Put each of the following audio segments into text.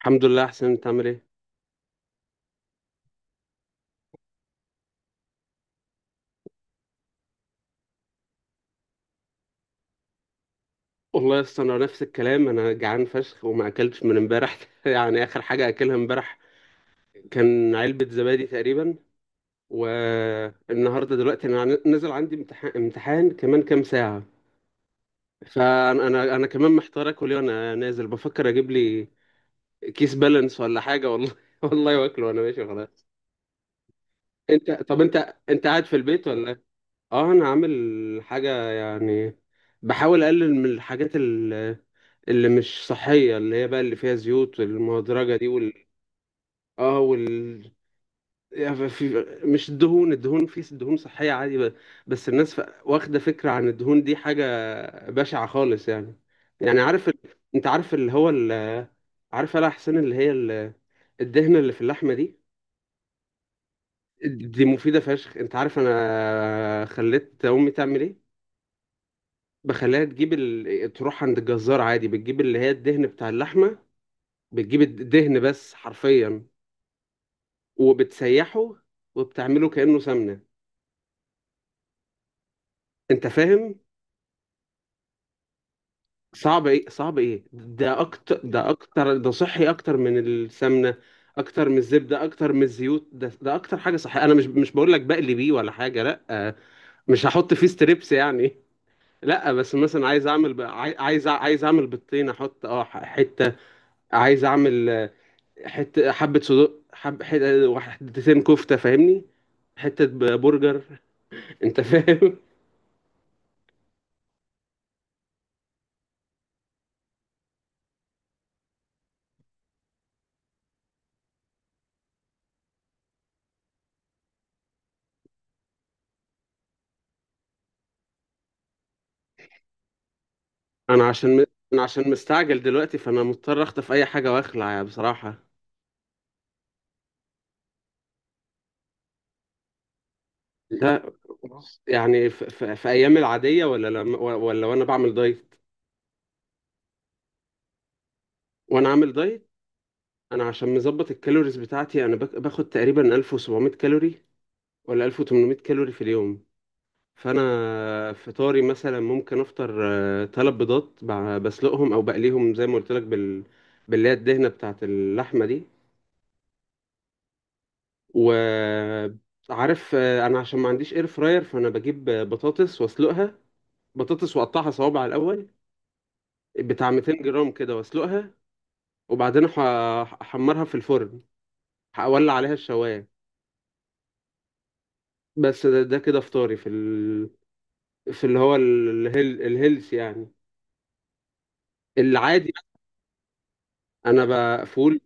الحمد لله، احسن. انت عامل ايه؟ والله يا اسطى، انا نفس الكلام، انا جعان فشخ وما اكلتش من امبارح يعني اخر حاجه اكلها امبارح كان علبه زبادي تقريبا. والنهارده دلوقتي انا نازل، عندي امتحان، كمان كام ساعه. فانا انا انا كمان محتار اكل ايه وانا نازل، بفكر اجيب لي كيس بالانس ولا حاجه، والله والله واكله وانا ماشي خلاص. طب انت قاعد في البيت ولا إيه؟ اه، انا عامل حاجه يعني، بحاول اقلل من الحاجات اللي مش صحية، اللي هي بقى اللي فيها زيوت المهدرجة دي، اه وال يعني في، مش الدهون، في دهون صحية عادي، بس الناس، واخدة فكرة عن الدهون دي حاجة بشعة خالص يعني. يعني عارف انت عارف اللي هو عارف يا حسين اللي هي الدهنة اللي في اللحمة دي، دي مفيدة فشخ. انت عارف انا خليت امي تعمل ايه؟ بخليها تجيب تروح عند الجزار عادي، بتجيب اللي هي الدهن بتاع اللحمة، بتجيب الدهن بس حرفيا، وبتسيحه وبتعمله كأنه سمنة. انت فاهم؟ صعب ايه، صعب ايه؟ ده اكتر، ده اكتر، ده صحي اكتر من السمنة، اكتر من الزبدة، اكتر من الزيوت. ده اكتر حاجة صحية. انا مش بقول لك بقلي بيه ولا حاجة، لا، مش هحط فيه ستريبس يعني. لا بس مثلا عايز اعمل بالطين، احط حتة. عايز اعمل، حتة، حبة صدق، حتتين كفتة فاهمني، حتة برجر. انت فاهم؟ انا عشان م... انا عشان مستعجل دلوقتي، فانا مضطر اخطف اي حاجه واخلع يعني بصراحه. ده يعني في ايام العاديه ولا ولا وانا بعمل دايت؟ وانا عامل دايت، انا عشان مظبط الكالوريز بتاعتي، انا باخد تقريبا 1700 كالوري ولا 1800 كالوري في اليوم. فانا فطاري مثلا، ممكن افطر تلات بيضات، بسلقهم او بقليهم زي ما قلت لك باللي هي الدهنه بتاعت اللحمه دي. وعارف، انا عشان ما عنديش اير فراير، فانا بجيب بطاطس واسلقها، بطاطس واقطعها صوابع الاول بتاع 200 جرام كده، واسلقها، وبعدين احمرها في الفرن، اولع عليها الشوايه. بس ده كده فطاري في في اللي هو الهيلث يعني، العادي. انا بقى فول،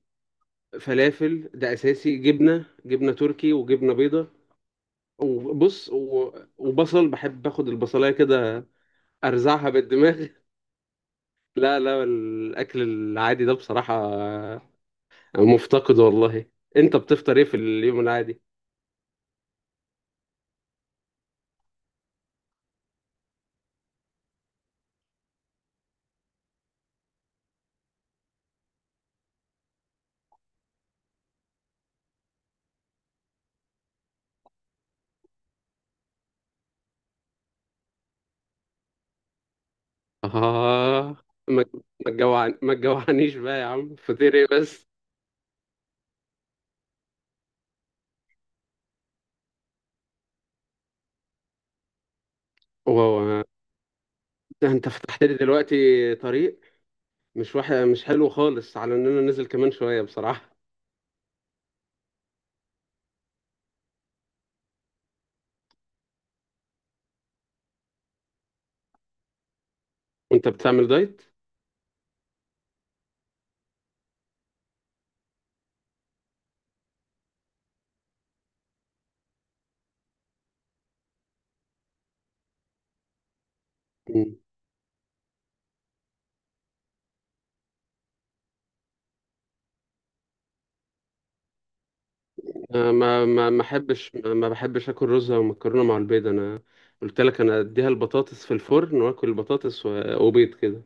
فلافل ده اساسي، جبنه تركي وجبنه بيضه، وبص و... وبصل، بحب اخد البصلايه كده، ارزعها بالدماغ. لا لا، الأكل العادي ده بصراحة مفتقد والله. أنت بتفطر إيه في اليوم العادي؟ آه، ما ما تجوعنيش بقى يا عم، فطير إيه بس؟ واو، ده أنت فتحت لي دلوقتي طريق، مش واحد. مش حلو خالص على إن أنا نزل كمان شوية بصراحة. أنت بتعمل دايت؟ مم. أنا ما ما ما أحبش ما ما بحبش آكل رز أو مكرونة مع البيض. أنا قلت لك، أنا أديها البطاطس في الفرن وآكل البطاطس وبيض كده.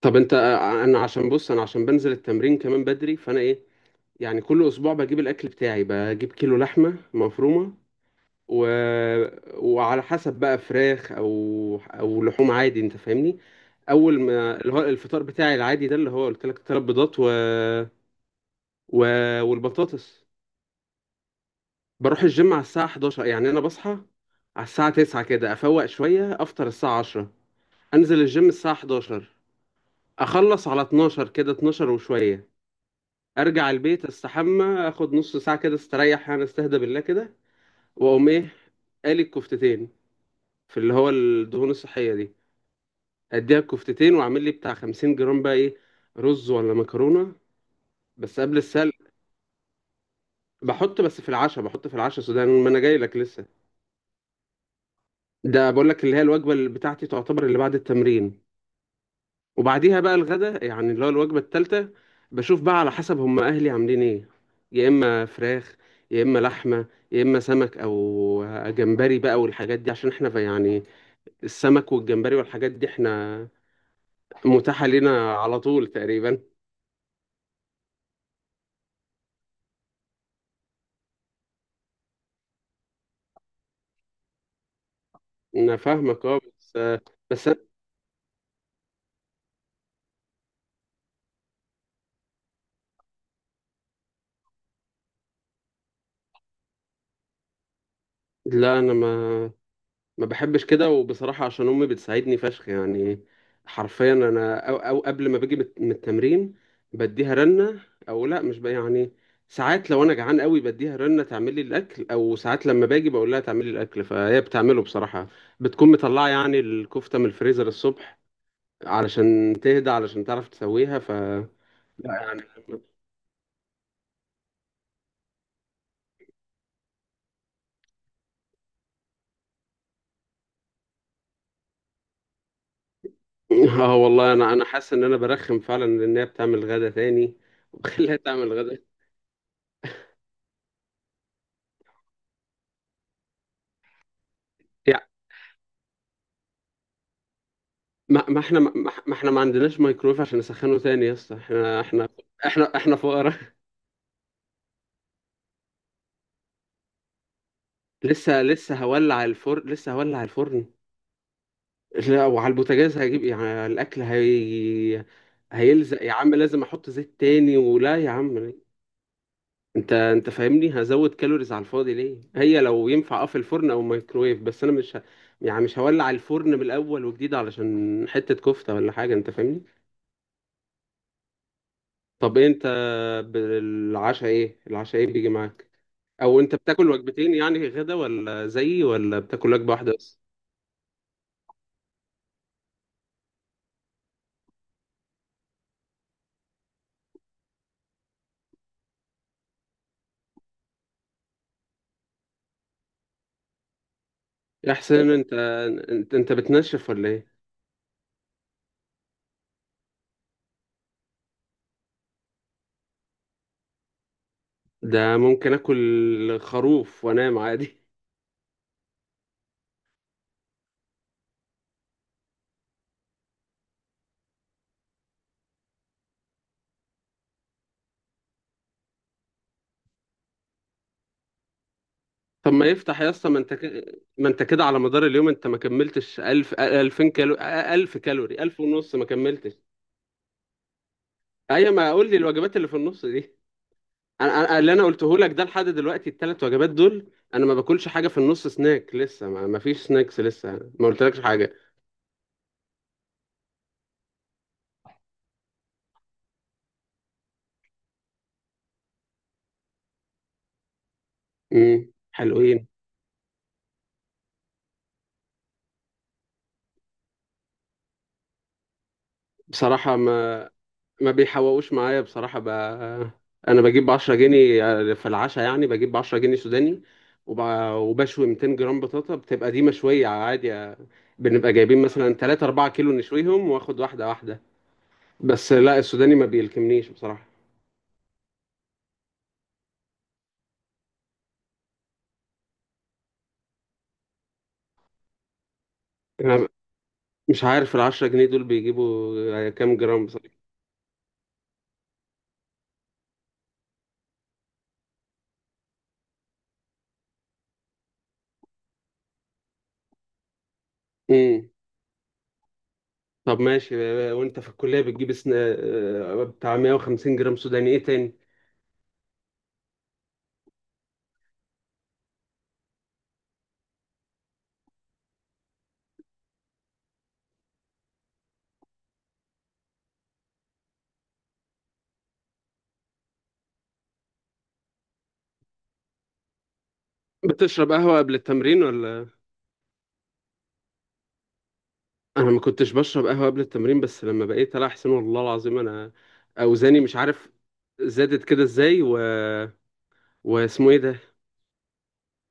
طب انت، انا عشان بص انا عشان بنزل التمرين كمان بدري، فانا ايه، يعني كل اسبوع بجيب الاكل بتاعي، بجيب كيلو لحمه مفرومه و... وعلى حسب بقى فراخ او لحوم عادي، انت فاهمني. اول ما اللي هو الفطار بتاعي العادي ده، اللي هو قلت لك ثلاث بيضات و... والبطاطس. بروح الجيم على الساعه 11، يعني انا بصحى على الساعه 9 كده، افوق شويه، افطر الساعه 10، انزل الجيم الساعه 11، اخلص على 12 كده، 12 وشويه، ارجع البيت، استحمى، اخد نص ساعه كده استريح، يعني استهدى بالله كده. واقوم ايه؟ قالي الكفتتين في اللي هو الدهون الصحيه دي، اديها الكفتتين واعمل لي بتاع 50 جرام بقى ايه، رز ولا مكرونه، بس قبل السلق. بحط بس في العشاء سودان، ما انا جاي لك لسه. ده بقول لك اللي هي الوجبه اللي بتاعتي تعتبر اللي بعد التمرين، وبعديها بقى الغدا يعني، اللي هو الوجبة التالتة. بشوف بقى على حسب هم أهلي عاملين إيه، يا إما فراخ، يا إما لحمة، يا إما سمك أو جمبري بقى، والحاجات دي عشان إحنا يعني، السمك والجمبري والحاجات دي إحنا متاحة لنا على طول تقريبا. أنا فاهمك أه، بس بس أنا- لا أنا ما بحبش كده، وبصراحة عشان أمي بتساعدني فشخ يعني. حرفيا أنا أو قبل ما باجي من التمرين، بديها رنة. أو لأ، مش بقى يعني. ساعات لو أنا جعان قوي بديها رنة تعمل لي الأكل، أو ساعات لما باجي بقول لها تعمل لي الأكل، فهي بتعمله بصراحة. بتكون مطلعة يعني الكفتة من الفريزر الصبح علشان تهدى، علشان تعرف تسويها، لا يعني. اه والله، أنا حاسس إن أنا برخم فعلا لأن هي بتعمل غدا تاني وبخليها تعمل غدا. ما, ما احنا ما, ما احنا ما عندناش مايكرويف عشان نسخنه تاني يا اسطى، احنا فقراء. لسه هولع الفرن، لسه هولع الفرن. لا، وعلى البوتاجاز هجيب ايه؟ يعني الاكل هي هيلزق يا عم، لازم احط زيت تاني ولا، يا عم ليه؟ انت فاهمني، هزود كالوريز على الفاضي ليه؟ هي لو ينفع اه في الفرن او مايكرويف، بس انا مش يعني مش هولع الفرن من الاول وجديد علشان حتة كفتة ولا حاجة، انت فاهمني. طب إيه انت، بالعشاء ايه؟ العشاء ايه بيجي معاك، او انت بتاكل وجبتين يعني غدا ولا زيي، ولا بتاكل وجبه واحده بس؟ يا حسين انت بتنشف ولا ايه؟ ده ممكن اكل خروف وانام عادي. طب ما يفتح يا اسطى، ما انت كده على مدار اليوم انت ما كملتش 1000 2000 كالوري، 1000 كالوري، 1000 ونص ما كملتش. ايوه، ما اقول لي الوجبات اللي في النص دي. اللي انا قلته لك ده لحد دلوقتي الثلاث وجبات دول، انا ما باكلش حاجه في النص، سناك لسه، ما فيش سناكس لسه، ما قلتلكش حاجه. حلوين. بصراحة ما بيحوقوش معايا بصراحة، أنا بجيب 10 جنيه في العشاء، يعني بجيب 10 جنيه سوداني، وب... وبشوي 200 جرام بطاطا، بتبقى دي مشوية عادي، بنبقى جايبين مثلا 3 4 كيلو نشويهم، واخد واحدة واحدة. بس لا، السوداني ما بيلكمنيش بصراحة. أنا مش عارف ال 10 جنيه دول بيجيبوا كام جرام بصراحة. امم طب ماشي. وأنت في الكلية بتجيب بتاع 150 جرام سوداني إيه تاني؟ بتشرب قهوة قبل التمرين ولا؟ انا ما كنتش بشرب قهوه قبل التمرين، بس لما بقيت العب حسين والله العظيم، انا اوزاني مش عارف زادت كده ازاي، واسمه ايه ده،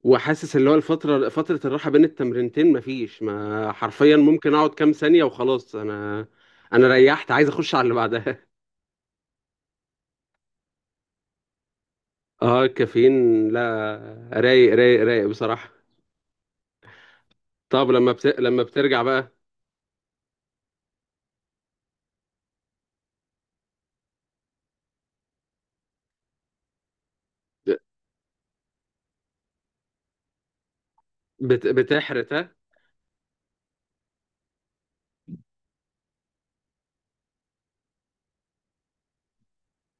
وحاسس اللي هو فتره الراحه بين التمرينتين مفيش، ما حرفيا ممكن اقعد كام ثانيه وخلاص، انا ريحت، عايز اخش على اللي بعدها. اه الكافيين لا، رايق رايق رايق بصراحه. طب لما لما بترجع بقى، بتحرق ها؟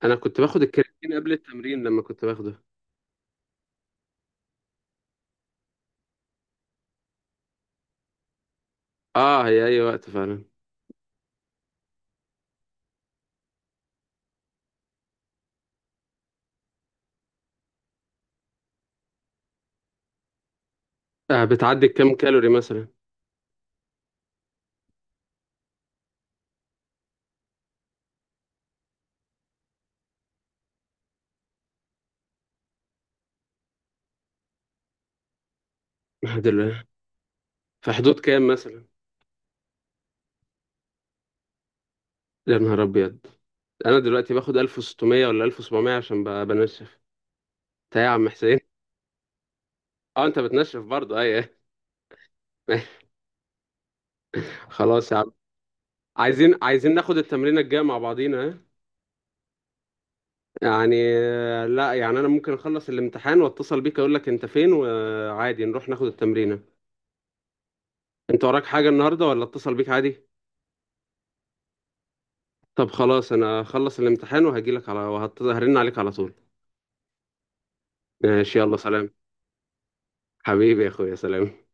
انا كنت باخد الكرياتين قبل التمرين لما كنت باخده. اه، هي اي وقت فعلا. بتعدي كام كالوري مثلا؟ دلوقتي، في حدود كام مثلا؟ يا نهار ابيض، انا دلوقتي باخد 1600 ولا 1700 عشان بنشف، تا يا عم حسين. اه انت بتنشف برضه، اي؟ أي. خلاص يا عم، عايزين ناخد التمرينه الجايه مع بعضينا، ها؟ يعني لا يعني، انا ممكن اخلص الامتحان واتصل بيك، اقول لك انت فين، وعادي نروح ناخد التمرينه. انت وراك حاجه النهارده ولا اتصل بيك عادي؟ طب خلاص، انا اخلص الامتحان وهجيلك على، وهرن عليك على طول. ماشي يلا، سلام. حبيبي يا اخويا، سلام.